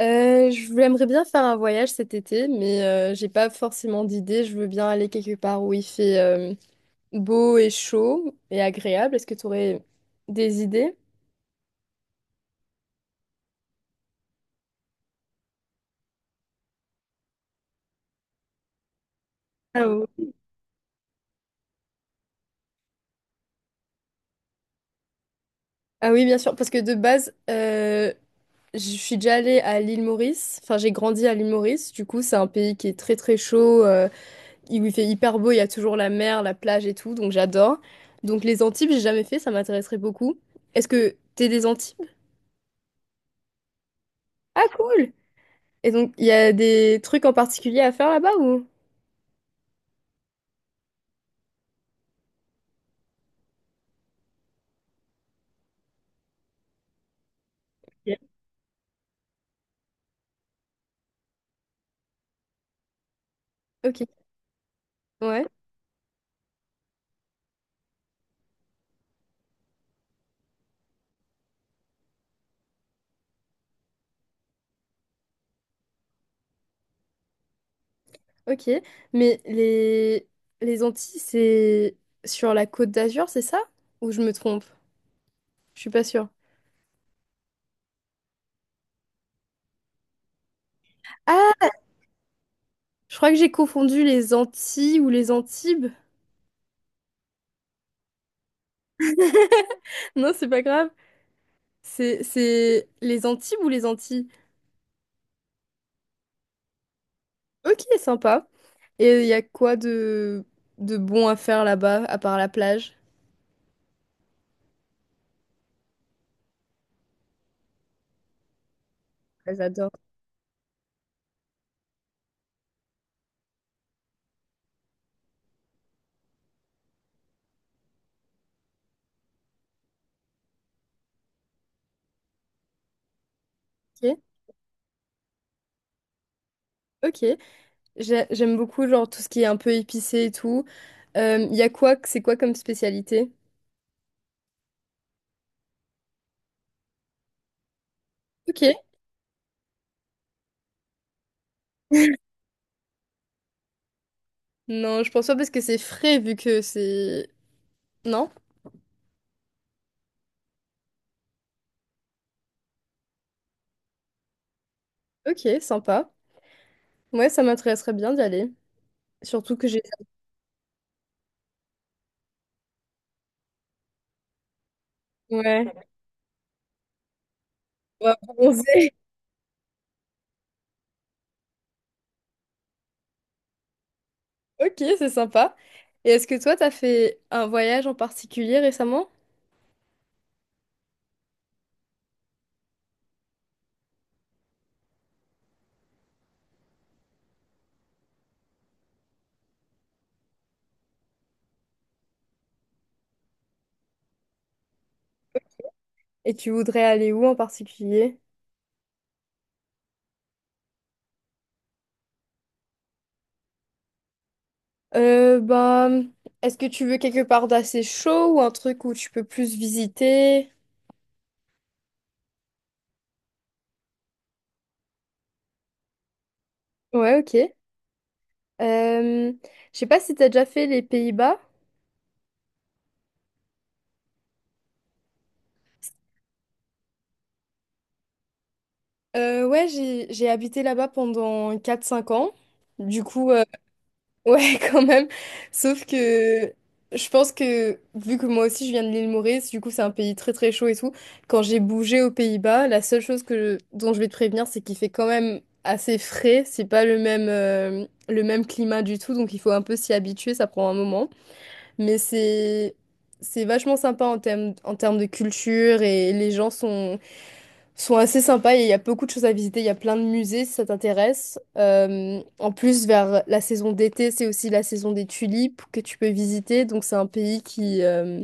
Je j'aimerais bien faire un voyage cet été, mais j'ai pas forcément d'idée. Je veux bien aller quelque part où il fait beau et chaud et agréable. Est-ce que tu aurais des idées? Ah oui, ah oui, bien sûr, parce que de base, je suis déjà allée à l'île Maurice. Enfin, j'ai grandi à l'île Maurice. Du coup, c'est un pays qui est très très chaud, où il fait hyper beau. Il y a toujours la mer, la plage et tout, donc j'adore. Donc les Antilles, j'ai jamais fait, ça m'intéresserait beaucoup. Est-ce que t'es des Antilles? Ah, cool! Et donc, il y a des trucs en particulier à faire là-bas ou? Ok, ok. Ouais, ok. Mais les Antilles, c'est sur la Côte d'Azur, c'est ça? Ou je me trompe? Je suis pas sûre. Ah, je crois que j'ai confondu les Antilles ou les Antibes. Non, c'est pas grave. C'est les Antibes ou les Antilles? Ok, sympa. Et il y a quoi de bon à faire là-bas, à part la plage? Ah, j'adore. Ok, ok. J'aime beaucoup genre tout ce qui est un peu épicé et tout. Il y a quoi, c'est quoi comme spécialité? Ok. Non, je pense pas parce que c'est frais vu que c'est... Non? Ok, sympa. Ouais, ça m'intéresserait bien d'y aller. Surtout que j'ai... Ouais, on va bronzer. Ok, c'est sympa. Et est-ce que toi, t'as fait un voyage en particulier récemment? Et tu voudrais aller où en particulier? Bah, est-ce que tu veux quelque part d'assez chaud ou un truc où tu peux plus visiter? Ouais, ok. Euh, je sais pas si t'as déjà fait les Pays-Bas. Ouais, j'ai habité là-bas pendant 4 5 ans. Du coup, ouais, quand même. Sauf que je pense que, vu que moi aussi je viens de l'île Maurice, du coup, c'est un pays très très chaud et tout. Quand j'ai bougé aux Pays-Bas, la seule chose que dont je vais te prévenir, c'est qu'il fait quand même assez frais. C'est pas le même climat du tout, donc il faut un peu s'y habituer, ça prend un moment. Mais c'est vachement sympa en termes de culture et les gens sont assez sympas et il y a beaucoup de choses à visiter. Il y a plein de musées si ça t'intéresse. En plus, vers la saison d'été, c'est aussi la saison des tulipes que tu peux visiter. Donc c'est un pays qui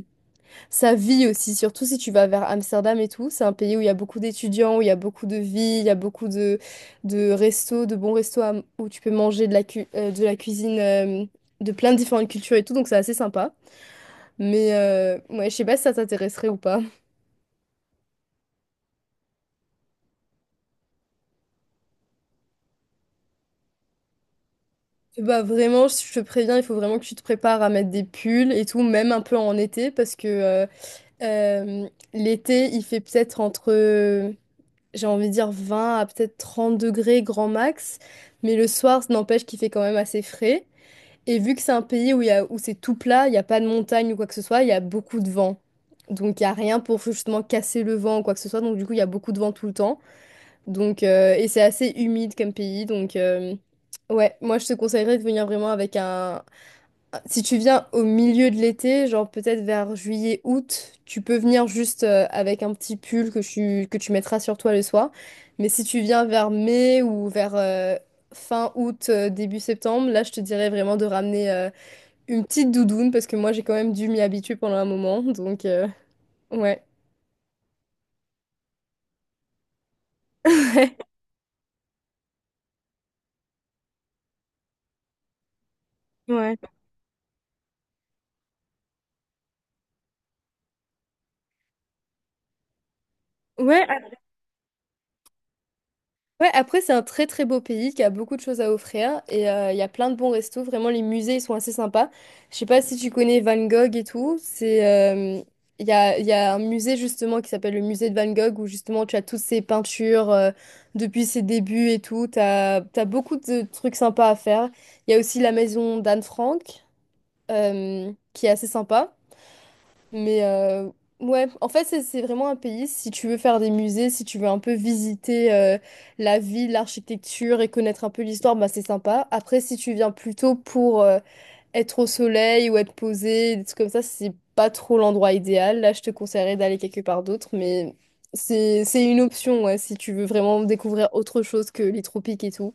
ça vit aussi, surtout si tu vas vers Amsterdam et tout. C'est un pays où il y a beaucoup d'étudiants, où il y a beaucoup de vie, il y a beaucoup de restos, de bons restos où tu peux manger de la cuisine de plein de différentes cultures et tout. Donc c'est assez sympa. Mais ouais, je sais pas si ça t'intéresserait ou pas. Bah vraiment, je te préviens, il faut vraiment que tu te prépares à mettre des pulls et tout, même un peu en été, parce que euh, l'été, il fait peut-être entre, j'ai envie de dire 20 à peut-être 30 degrés grand max, mais le soir, ça n'empêche qu'il fait quand même assez frais. Et vu que c'est un pays où, où c'est tout plat, il n'y a pas de montagne ou quoi que ce soit, il y a beaucoup de vent. Donc il n'y a rien pour justement casser le vent ou quoi que ce soit, donc du coup, il y a beaucoup de vent tout le temps. Donc, et c'est assez humide comme pays. Donc, ouais, moi je te conseillerais de venir vraiment avec un. Si tu viens au milieu de l'été, genre peut-être vers juillet, août, tu peux venir juste avec un petit pull que tu mettras sur toi le soir. Mais si tu viens vers mai ou vers fin août, début septembre, là je te dirais vraiment de ramener une petite doudoune parce que moi j'ai quand même dû m'y habituer pendant un moment. Donc, ouais. Ouais. Ouais, ouais, après, c'est un très très beau pays qui a beaucoup de choses à offrir et il y a plein de bons restos. Vraiment, les musées ils sont assez sympas. Je sais pas si tu connais Van Gogh et tout. Il y a un musée justement qui s'appelle le musée de Van Gogh où justement tu as toutes ses peintures depuis ses débuts et tout. T'as beaucoup de trucs sympas à faire. Il y a aussi la maison d'Anne Frank qui est assez sympa. Mais ouais, en fait, c'est vraiment un pays, si tu veux faire des musées, si tu veux un peu visiter la ville, l'architecture et connaître un peu l'histoire, bah c'est sympa. Après, si tu viens plutôt pour être au soleil ou être posé, des trucs comme ça, c'est pas trop l'endroit idéal. Là, je te conseillerais d'aller quelque part d'autre, mais c'est une option, ouais, si tu veux vraiment découvrir autre chose que les tropiques et tout.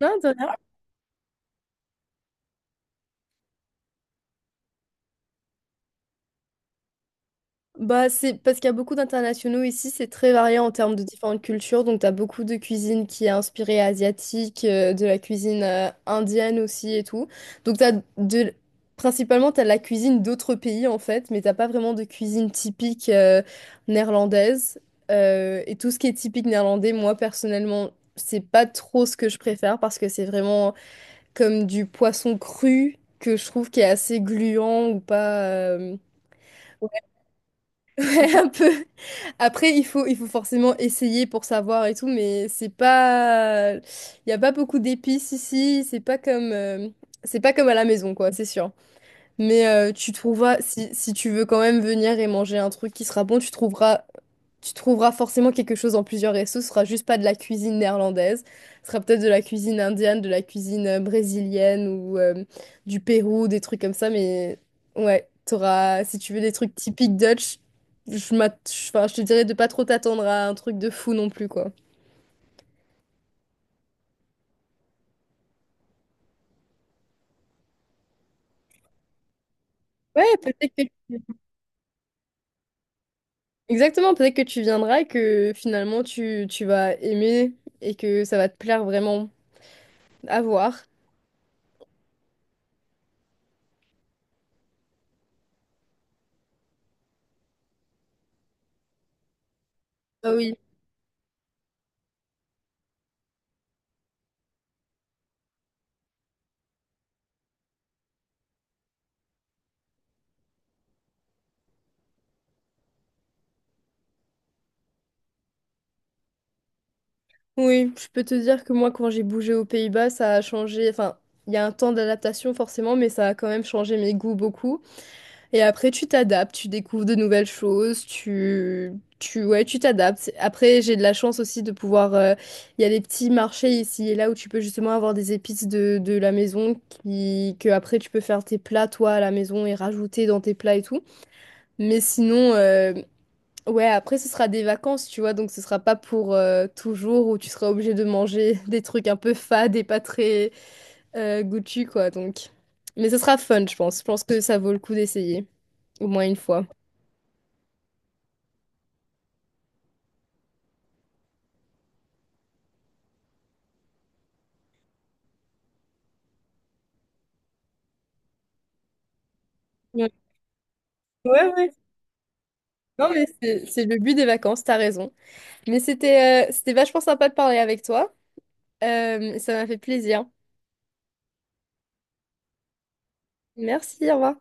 Non, bah, c'est parce qu'il y a beaucoup d'internationaux ici, c'est très varié en termes de différentes cultures. Donc, tu as beaucoup de cuisine qui est inspirée asiatique, de la cuisine indienne aussi et tout. Donc, de... principalement, tu as la cuisine d'autres pays en fait, mais t'as pas vraiment de cuisine typique néerlandaise. Et tout ce qui est typique néerlandais, moi personnellement, c'est pas trop ce que je préfère parce que c'est vraiment comme du poisson cru que je trouve qui est assez gluant ou pas. Ouais, un peu. Après, il faut forcément essayer pour savoir et tout, mais c'est pas... Il n'y a pas beaucoup d'épices ici, c'est pas comme... C'est pas comme à la maison, quoi, c'est sûr. Mais tu trouveras, si tu veux quand même venir et manger un truc qui sera bon, tu trouveras forcément quelque chose en plusieurs restos. Ce sera juste pas de la cuisine néerlandaise. Ce sera peut-être de la cuisine indienne, de la cuisine brésilienne ou du Pérou, des trucs comme ça. Mais ouais, t'auras, si tu veux des trucs typiques Dutch, enfin, je te dirais de pas trop t'attendre à un truc de fou non plus, quoi. Ouais, peut-être que... Exactement, peut-être que tu viendras et que finalement tu vas aimer et que ça va te plaire vraiment. À voir. Ah oui. Oui, je peux te dire que moi, quand j'ai bougé aux Pays-Bas, ça a changé. Enfin, il y a un temps d'adaptation forcément, mais ça a quand même changé mes goûts beaucoup. Et après, tu t'adaptes, tu découvres de nouvelles choses, ouais, tu t'adaptes. Après, j'ai de la chance aussi de pouvoir. Il y a des petits marchés ici et là où tu peux justement avoir des épices de la maison que après tu peux faire tes plats toi à la maison et rajouter dans tes plats et tout. Mais sinon. Ouais, après, ce sera des vacances, tu vois, donc ce sera pas pour toujours où tu seras obligé de manger des trucs un peu fades et pas très goûtus, quoi, donc. Mais ce sera fun, je pense. Je pense que ça vaut le coup d'essayer, au moins une fois. Ouais, ouais. Ouais. Non, mais c'est le but des vacances, t'as raison. Mais c'était vachement sympa de parler avec toi. Ça m'a fait plaisir. Merci, au revoir.